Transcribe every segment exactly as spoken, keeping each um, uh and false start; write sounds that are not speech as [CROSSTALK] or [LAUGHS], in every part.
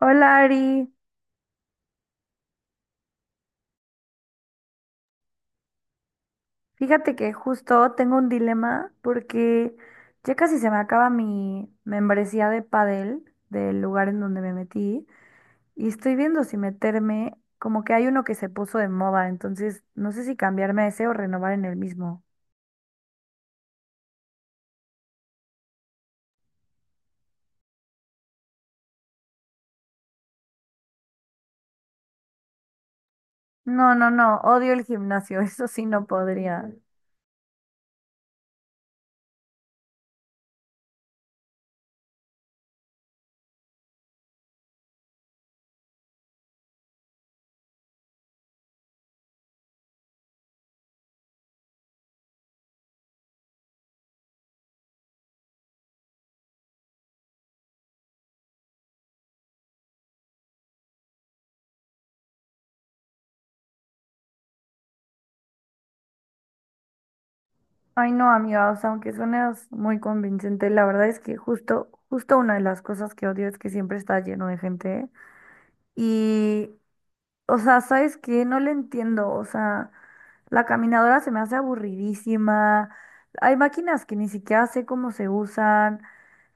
Hola, Ari. Fíjate que justo tengo un dilema porque ya casi se me acaba mi membresía de Padel del lugar en donde me metí, y estoy viendo si meterme, como que hay uno que se puso de moda, entonces no sé si cambiarme a ese o renovar en el mismo. No, no, no, odio el gimnasio, [LAUGHS] eso sí no podría. Ay no, amiga, o sea, aunque suenes muy convincente, la verdad es que justo, justo una de las cosas que odio es que siempre está lleno de gente. Y O sea, ¿sabes qué? No le entiendo. O sea, la caminadora se me hace aburridísima. Hay máquinas que ni siquiera sé cómo se usan.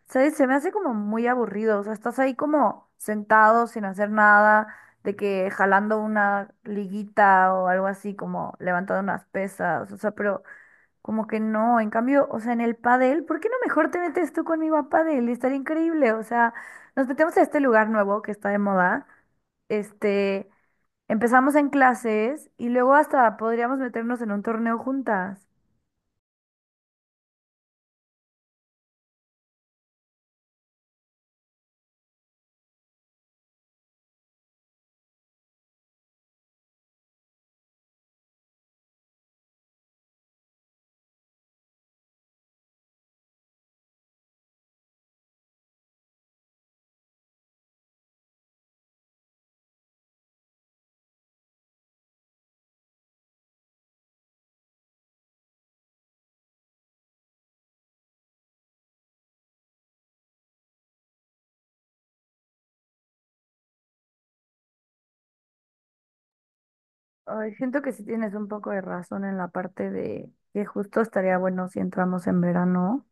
¿Sabes? Se me hace como muy aburrido. O sea, estás ahí como sentado sin hacer nada, de que jalando una liguita o algo así, como levantando unas pesas. O sea, pero como que no, en cambio, o sea, en el pádel, ¿por qué no mejor te metes tú conmigo a pádel? Estaría increíble, o sea, nos metemos a este lugar nuevo que está de moda, este, empezamos en clases y luego hasta podríamos meternos en un torneo juntas. Ay, siento que sí tienes un poco de razón en la parte de que justo estaría bueno si entramos en verano,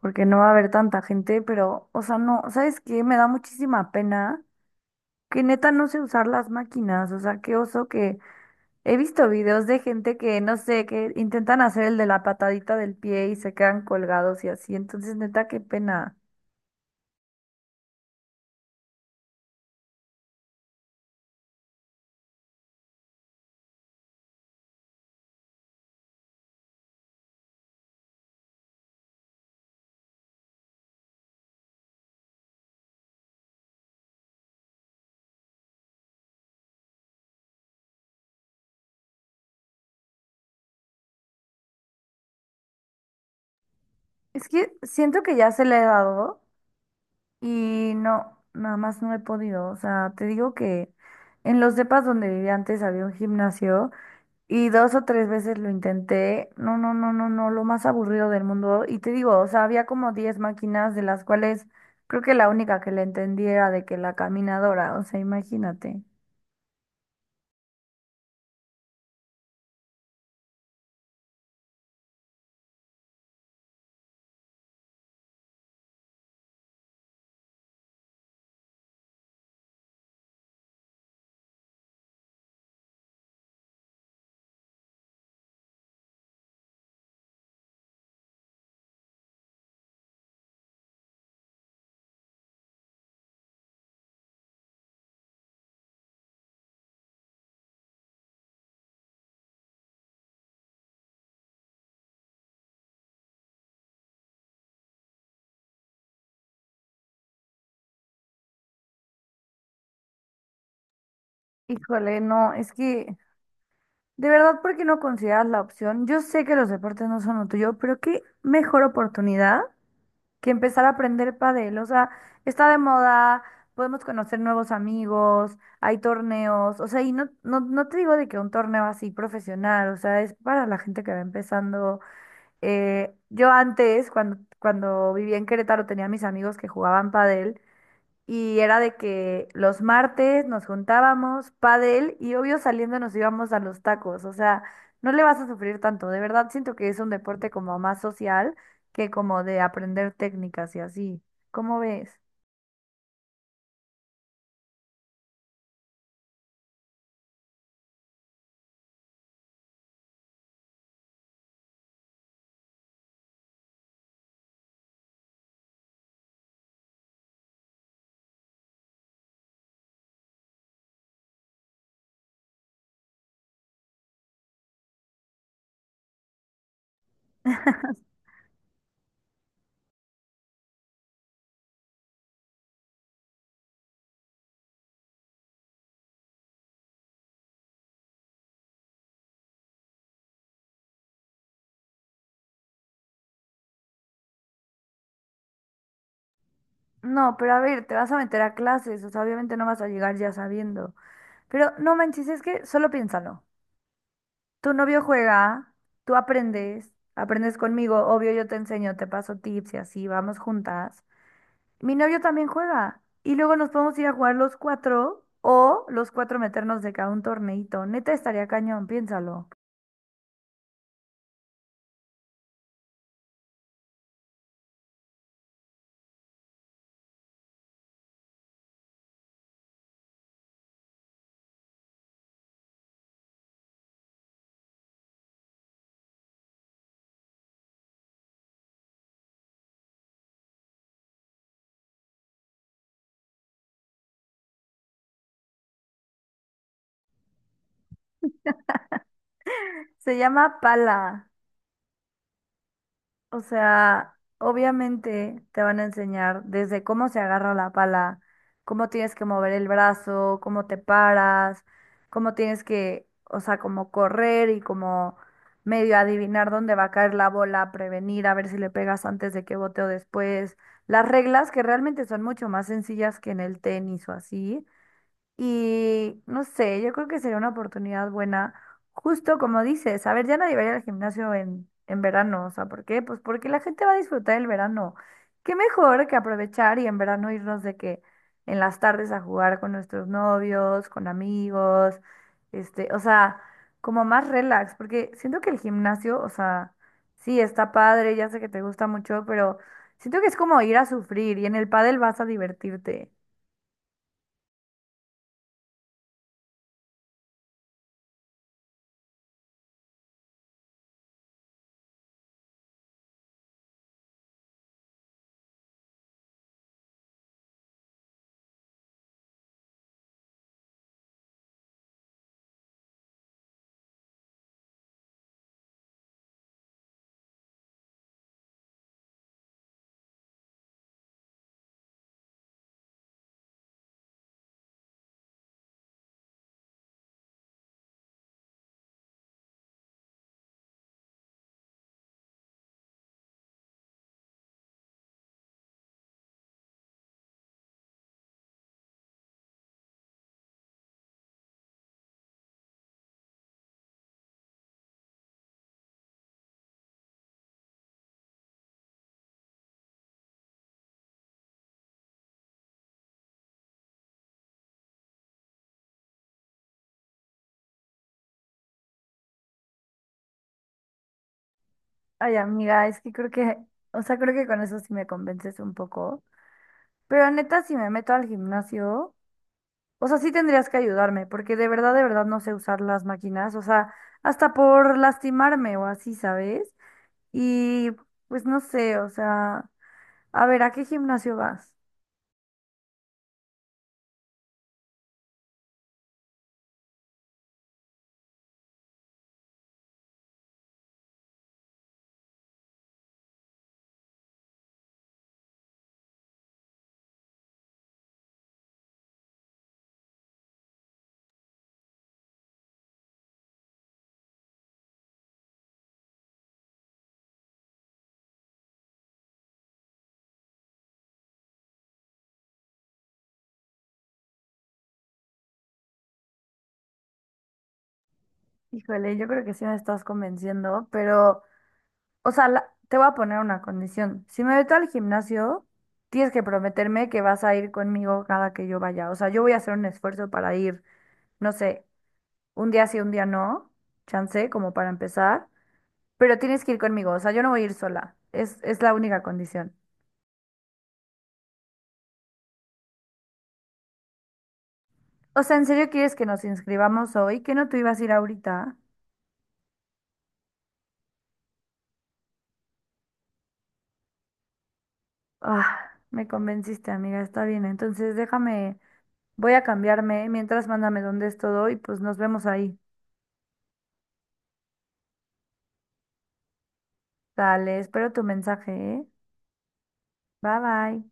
porque no va a haber tanta gente, pero, o sea, no, ¿sabes qué? Me da muchísima pena que neta no sé usar las máquinas, o sea, qué oso. Que He visto videos de gente que, no sé, que intentan hacer el de la patadita del pie y se quedan colgados y así. Entonces, neta, qué pena. Es que siento que ya se le he dado y no, nada más no he podido. O sea, te digo que en los depas donde vivía antes había un gimnasio y dos o tres veces lo intenté. No, no, no, no, no, lo más aburrido del mundo. Y te digo, o sea, había como diez máquinas de las cuales creo que la única que le entendía era de que la caminadora, o sea, imagínate. Híjole, no, es que de verdad, ¿por qué no consideras la opción? Yo sé que los deportes no son lo tuyo, pero qué mejor oportunidad que empezar a aprender pádel. O sea, está de moda, podemos conocer nuevos amigos, hay torneos, o sea, y no, no, no te digo de que un torneo así profesional, o sea, es para la gente que va empezando. Eh, yo antes, cuando, cuando vivía en Querétaro, tenía mis amigos que jugaban pádel, y era de que los martes nos juntábamos, pádel, y obvio saliendo nos íbamos a los tacos. O sea, no le vas a sufrir tanto. De verdad siento que es un deporte como más social que como de aprender técnicas y así. ¿Cómo ves? No, pero a ver, te vas a meter a clases, o sea, obviamente no vas a llegar ya sabiendo. Pero no manches, es que solo piénsalo. Tu novio juega, tú aprendes, aprendes conmigo, obvio yo te enseño, te paso tips y así, vamos juntas. Mi novio también juega. Y luego nos podemos ir a jugar los cuatro, o los cuatro meternos de cada un torneito. Neta estaría cañón, piénsalo. Se llama pala. O sea, obviamente te van a enseñar desde cómo se agarra la pala, cómo tienes que mover el brazo, cómo te paras, cómo tienes que, o sea, como correr y como medio adivinar dónde va a caer la bola, prevenir, a ver si le pegas antes de que bote o después. Las reglas que realmente son mucho más sencillas que en el tenis o así, y no sé, yo creo que sería una oportunidad buena, justo como dices, a ver, ya nadie va a ir al gimnasio en, en verano, o sea, ¿por qué? Pues porque la gente va a disfrutar el verano. Qué mejor que aprovechar y en verano irnos de que en las tardes a jugar con nuestros novios, con amigos, este, o sea, como más relax, porque siento que el gimnasio, o sea, sí, está padre, ya sé que te gusta mucho, pero siento que es como ir a sufrir y en el pádel vas a divertirte. Ay, amiga, es que creo que, o sea, creo que con eso sí me convences un poco. Pero neta, si me meto al gimnasio, o sea, sí tendrías que ayudarme, porque de verdad, de verdad no sé usar las máquinas, o sea, hasta por lastimarme o así, ¿sabes? Y pues no sé, o sea, a ver, ¿a qué gimnasio vas? Híjole, yo creo que sí me estás convenciendo, pero, o sea, la- te voy a poner una condición. Si me meto al gimnasio, tienes que prometerme que vas a ir conmigo cada que yo vaya. O sea, yo voy a hacer un esfuerzo para ir. No sé, un día sí, un día no, chance, como para empezar, pero tienes que ir conmigo, o sea, yo no voy a ir sola, es, es la única condición. O sea, ¿en serio quieres que nos inscribamos hoy? ¿Que no tú ibas a ir ahorita? Ah, me convenciste, amiga, está bien, entonces déjame, voy a cambiarme, mientras mándame dónde es todo y pues nos vemos ahí. Dale, espero tu mensaje, ¿eh? Bye bye.